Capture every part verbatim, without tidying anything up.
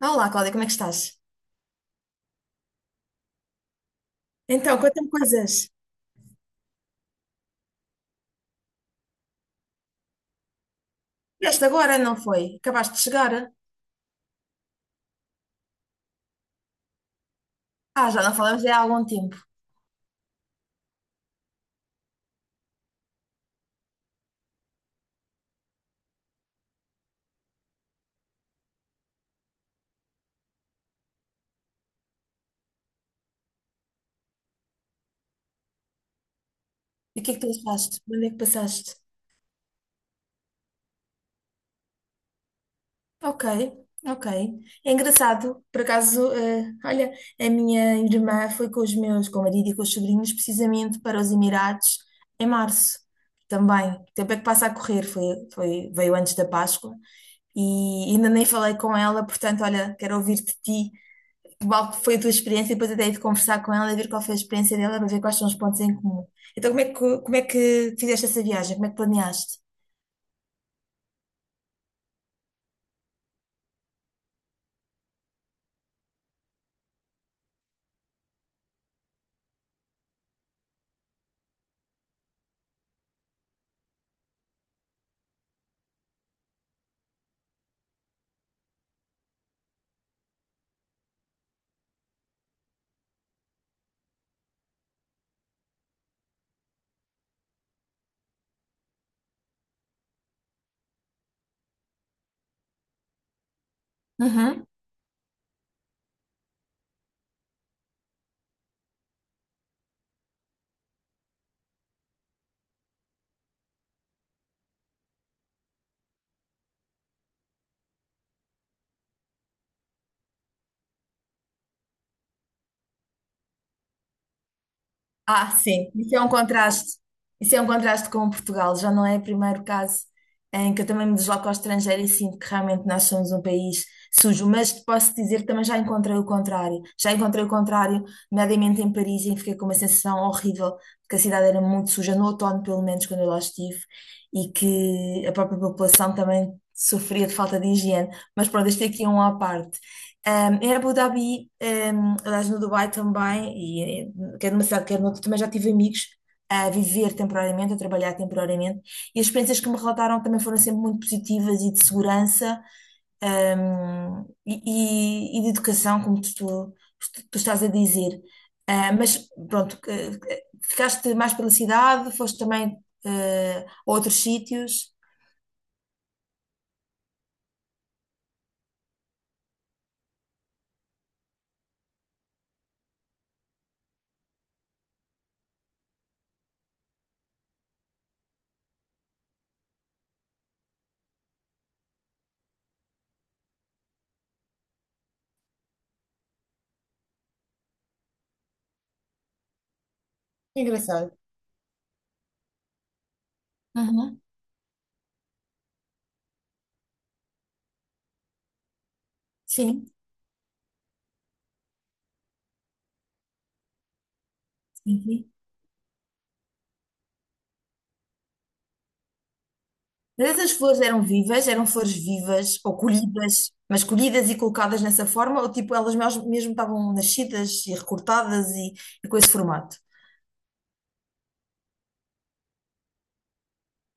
Olá, Cláudia, como é que estás? Então, conta-me coisas. Vieste agora, não foi? Acabaste de chegar? Ah, já não falamos há algum tempo. E o que é que tu achaste? Onde é que passaste? Ok, ok. É engraçado, por acaso, eh, olha, a minha irmã foi com os meus, com o marido e com os sobrinhos, precisamente para os Emirados em março também. O tempo é que passa a correr, foi, foi, veio antes da Páscoa e ainda nem falei com ela, portanto, olha, quero ouvir de ti qual foi a tua experiência e depois até ir de conversar com ela e ver qual foi a experiência dela para ver quais são os pontos em comum. Então, como é que, como é que fizeste essa viagem? Como é que planeaste? Ah, sim, isso é um contraste. Isso é um contraste com Portugal. Já não é o primeiro caso em que eu também me desloco ao estrangeiro e sinto que realmente nós somos um país sujo. Mas te posso dizer que também já encontrei o contrário. Já encontrei o contrário, nomeadamente em Paris, em que fiquei com uma sensação horrível de que a cidade era muito suja, no outono, pelo menos, quando eu lá estive, e que a própria população também sofria de falta de higiene. Mas pronto, este aqui é um à parte. Um, em Abu Dhabi, um, aliás, no Dubai também, quer numa cidade, quer noutra, também já tive amigos a viver temporariamente, a trabalhar temporariamente, e as experiências que me relataram também foram sempre muito positivas e de segurança, hum, e, e- e de educação, como tu, tu- tu estás a dizer. Ah, mas pronto, que- que- ficaste mais pela cidade, foste também eh, a outros sítios. Engraçado. Uhum. Sim, sim, sim. Mas essas flores eram vivas, eram flores vivas ou colhidas, mas colhidas e colocadas nessa forma, ou tipo elas mes- mesmo estavam nascidas e recortadas e, e com esse formato?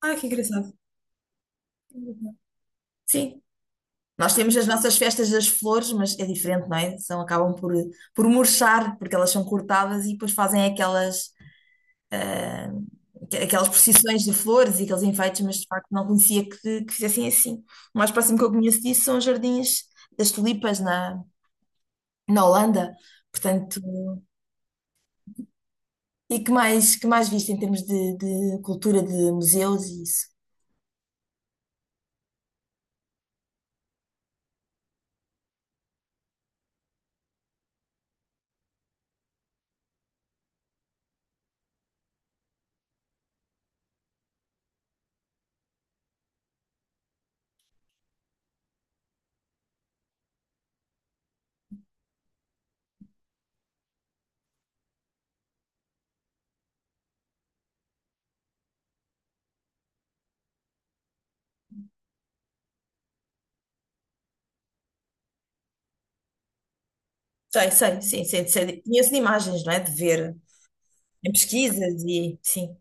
Ah, que engraçado. Sim. Nós temos as nossas festas das flores, mas é diferente, não é? São, acabam por, por murchar, porque elas são cortadas e depois fazem aquelas, aquelas procissões de flores e aqueles enfeites, mas de facto não conhecia que, que fizessem assim. O mais próximo que eu conheço disso são os jardins das tulipas na, na Holanda. Portanto. E que mais, que mais viste em termos de, de cultura, de museus e isso? Sei, sei, sim, sim, sei, conheço de imagens, não é? De ver em pesquisas e sim.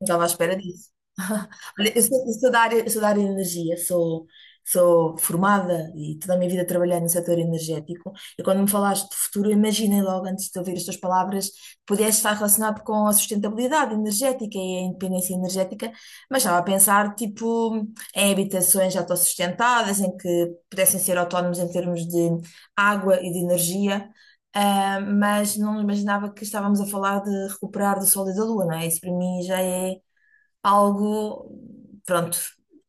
Não estava à espera disso. Olha, eu sou, eu sou da área, eu sou da área de energia, sou, sou formada e toda a minha vida trabalhei no setor energético. E quando me falaste de futuro, eu imaginei logo, antes de ouvir as tuas palavras, que pudesse estar relacionado com a sustentabilidade energética e a independência energética, mas estava a pensar, tipo, em habitações autossustentadas, em que pudessem ser autónomos em termos de água e de energia. Ah, mas não imaginava que estávamos a falar de recuperar do Sol e da Lua, não é? Isso para mim já é algo, pronto,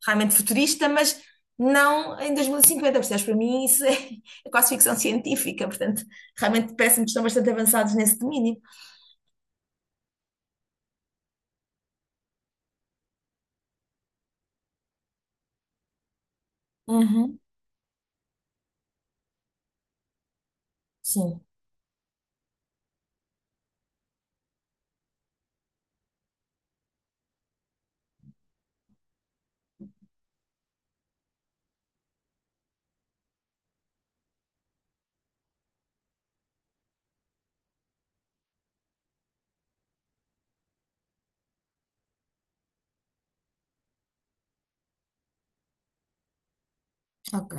realmente futurista, mas não em dois mil e cinquenta, percebes? Para mim isso é, é quase ficção científica, portanto, realmente parece-me que estão bastante avançados nesse domínio. Uhum. Sim, ok.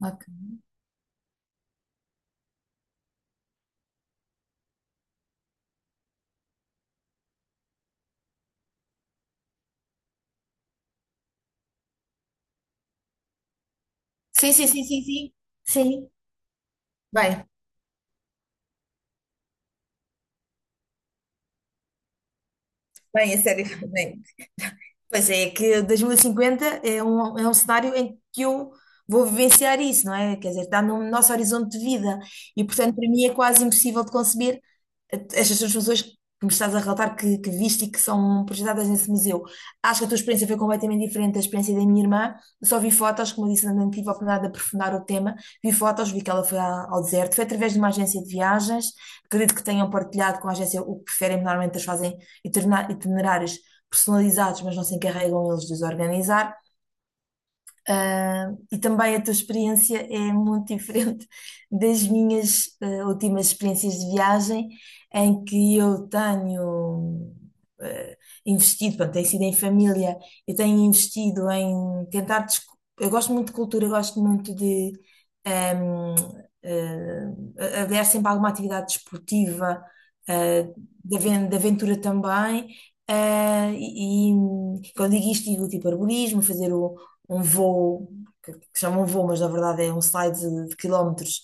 Ok. Sim, sim, sim, sim, sim. Sim. Bem. Bem, a sério, bem. Pois é, que dois mil e cinquenta é um, é um cenário em que eu vou vivenciar isso, não é? Quer dizer, está no nosso horizonte de vida. E, portanto, para mim é quase impossível de conceber eh, estas transformações que me estás a relatar que, que viste e que são projetadas nesse museu. Acho que a tua experiência foi completamente diferente da experiência da minha irmã. Eu só vi fotos, como eu disse, não tive a oportunidade de aprofundar o tema. Vi fotos, vi que ela foi à- ao deserto. Foi através de uma agência de viagens. Acredito que tenham partilhado com a agência o que preferem, normalmente eles fazem itinerar- itinerários personalizados, mas não se encarregam eles de os organizar. Ah, e também a tua experiência é muito diferente das minhas ah, últimas experiências de viagem, em que eu tenho ah, investido, pronto, tem sido em família, eu tenho investido em tentar. desco- Eu gosto muito de cultura, eu gosto muito de. ahm, ah, haver sempre alguma atividade desportiva, ah, de aven- de aventura também. ah, e, e quando digo isto, digo tipo arborismo, fazer um voo, que que chamam voo, mas na verdade é um slide de, de quilómetros,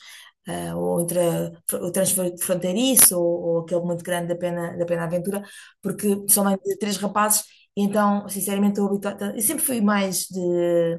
eh, ou entre a- o transfer fronteiriço, ou, ou aquele muito grande da Pena, da Pena Aventura, porque são mais de três rapazes, e então, sinceramente, estou habituada. Eu sempre fui mais de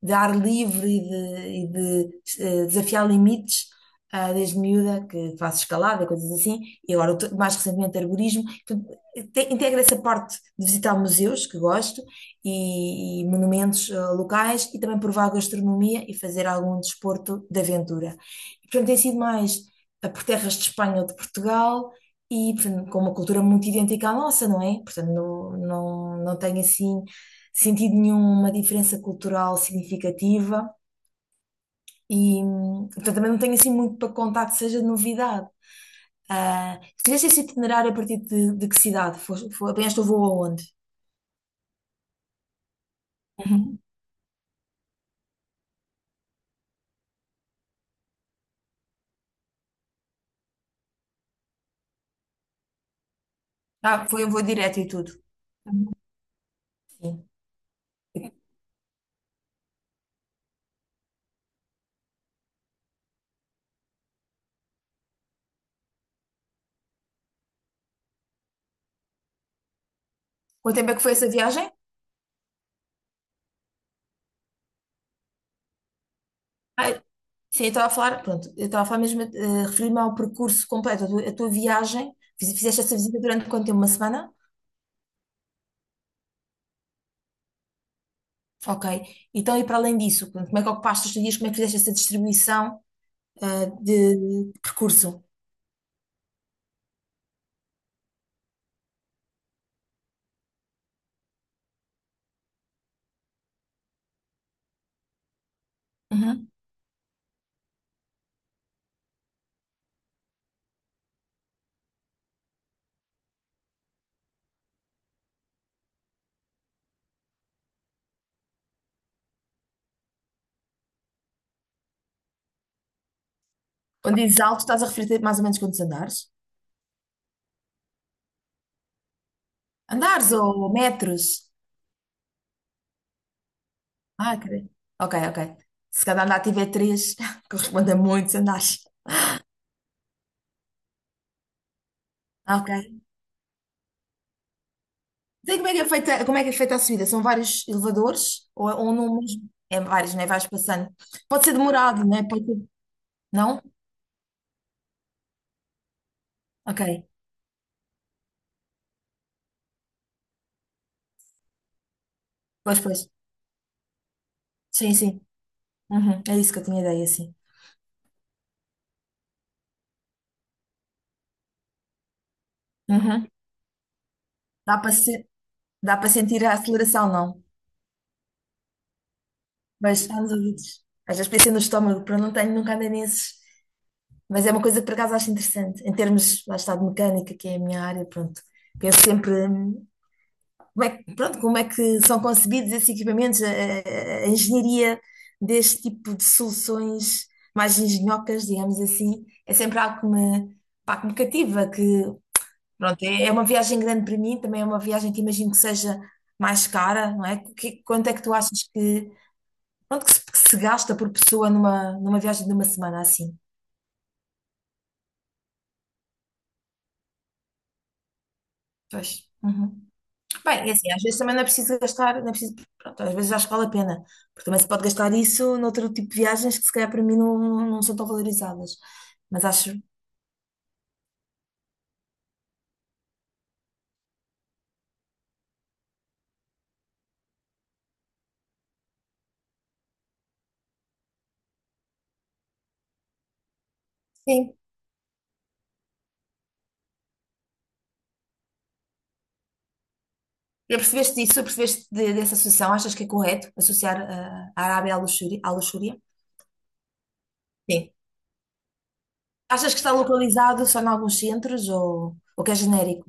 de ar livre e de, e de, eh, desafiar limites, ah, desde miúda, que faço escalada, coisas assim, e agora eu tô- mais recentemente arborismo. Portanto, te- Integra essa parte de visitar museus, que gosto, e, e monumentos ah, locais, e também provar gastronomia e fazer algum desporto de aventura. E, portanto, tem sido mais ah, por terras de Espanha ou de Portugal, e portanto, com uma cultura muito idêntica à nossa, não é? Portanto, não, não, não tenho assim sentido nenhuma diferença cultural significativa e, hum, portanto, também não tenho assim muito para contar que seja de novidade. Ah, fizeste esse itinerário a partir de, de que cidade? Foste, foi, apanhaste o voo aonde? Uhum. Ah, foi um voo direto e tudo. Sim. Quanto tempo é que foi essa viagem? Ah, sim, eu estava a falar, pronto, eu estava a falar mesmo, eh, referir-me ao percurso completo, a tua, a tua viagem. Fiz- fizeste essa visita durante quanto tempo? Uma semana? Ok. Então, e para além disso, pronto, como é que ocupaste os teus dias, como é que fizeste essa distribuição? Ah, de percurso. Uhum. Quando dizes alto, estás a referir-te mais ou menos quantos andares? Andares ou metros? Ah, ok. Ok, ok. Se cada andar tiver três, corresponde a muitos andares. Ah, ok. Então, e como é que é feita, como é que é feita, a subida? São vários elevadores ou, é- ou num mesmo? É vários, né? Vais passando. Pode ser demorado, né? Pode ser- Não? Ok. Pois, pois. Sim, sim. Uhum. É isso que eu tinha ideia, sim. Uhum. Dá para se... Dá para sentir a aceleração, não? Mas estamos unidos. Às vezes pensei no estômago, porque não tenho, nunca andei nesses. Mas é uma coisa que por acaso acho interessante. Em termos, lá está, de mecânica, que é a minha área, pronto. Penso sempre hum, como é, que- pronto, como é que são concebidos esses equipamentos, a, a- a engenharia deste tipo de soluções mais engenhocas, digamos assim, é sempre algo que me, pá, que me cativa, que pronto, é, é uma viagem grande para mim, também é uma viagem que imagino que seja mais cara, não é? Que- quanto é que tu achas que Pronto, que se, que se gasta por pessoa numa, numa viagem de uma semana assim. Pois. Uhum. Bem, é assim, às vezes também não é preciso gastar, não é preciso, pronto, às vezes acho que vale a pena, porque também se pode gastar isso noutro tipo de viagens que se calhar para mim não, não são tão valorizadas. Mas acho, sim. Já percebeste disso? Percebeste de- dessa associação? Achas que é correto associar ah, a Arábia à luxúria, à luxúria? Sim. Achas que está localizado só em alguns centros ou, ou que é genérico?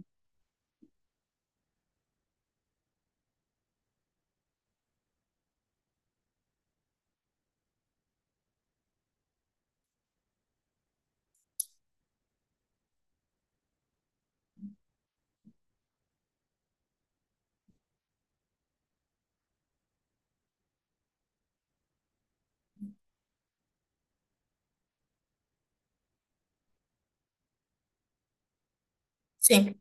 Sim.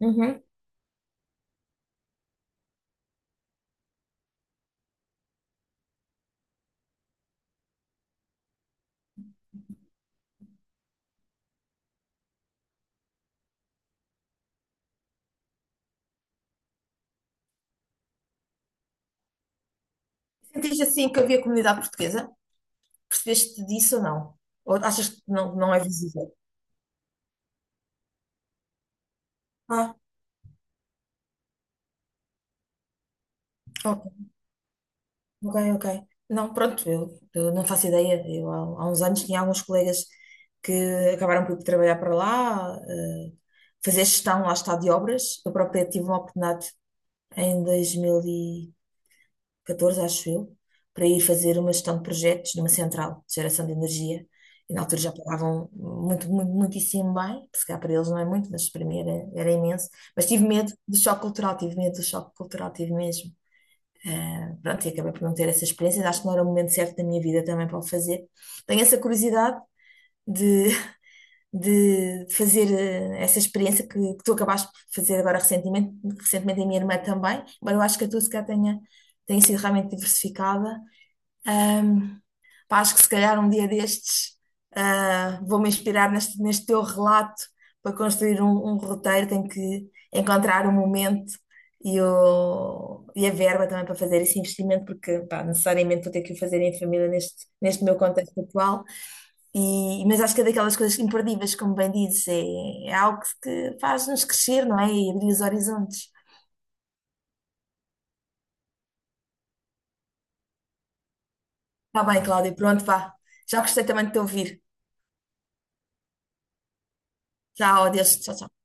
Uhum. Sentiste assim que havia comunidade portuguesa? Percebeste disso ou não? Ou achas que não, não é visível? Ah, ok, ok, ok. Não, pronto, eu, eu não faço ideia. Eu, há, há uns anos tinha alguns colegas que acabaram por ir trabalhar para lá, eh, fazer gestão, lá está, de obras. Eu própria tive uma oportunidade em dois mil e- catorze acho eu, para ir fazer uma gestão de projetos numa central de geração de energia. E na altura já pagavam muito, muito, muitíssimo bem, se calhar para eles não é muito, mas para mim era, era, imenso. Mas tive medo do choque cultural, tive medo do choque cultural, tive mesmo. Ah, pronto, e acabei por não ter essa experiência. Acho que não era o momento certo da minha vida também para o fazer. Tenho essa curiosidade de, de fazer eh, essa experiência que, que tu acabaste por fazer agora recentemente, recentemente a minha irmã também, mas eu acho que a tua se calhar tenha, tenha sido realmente diversificada. Ahm, Pá, acho que se calhar um dia destes, ah, vou-me inspirar neste, neste teu relato para construir um, um roteiro. Tenho que encontrar o momento e, o, e a verba também para fazer esse investimento, porque pá, necessariamente vou ter que o fazer em família neste, neste meu contexto atual. E, mas acho que é daquelas coisas imperdíveis, como bem dizes, é, é algo que, que faz-nos crescer, não é? E abrir os horizontes. Está bem, Cláudia, pronto, vá. Já gostei também de te ouvir. Tchau, adeus, tchau, tchau.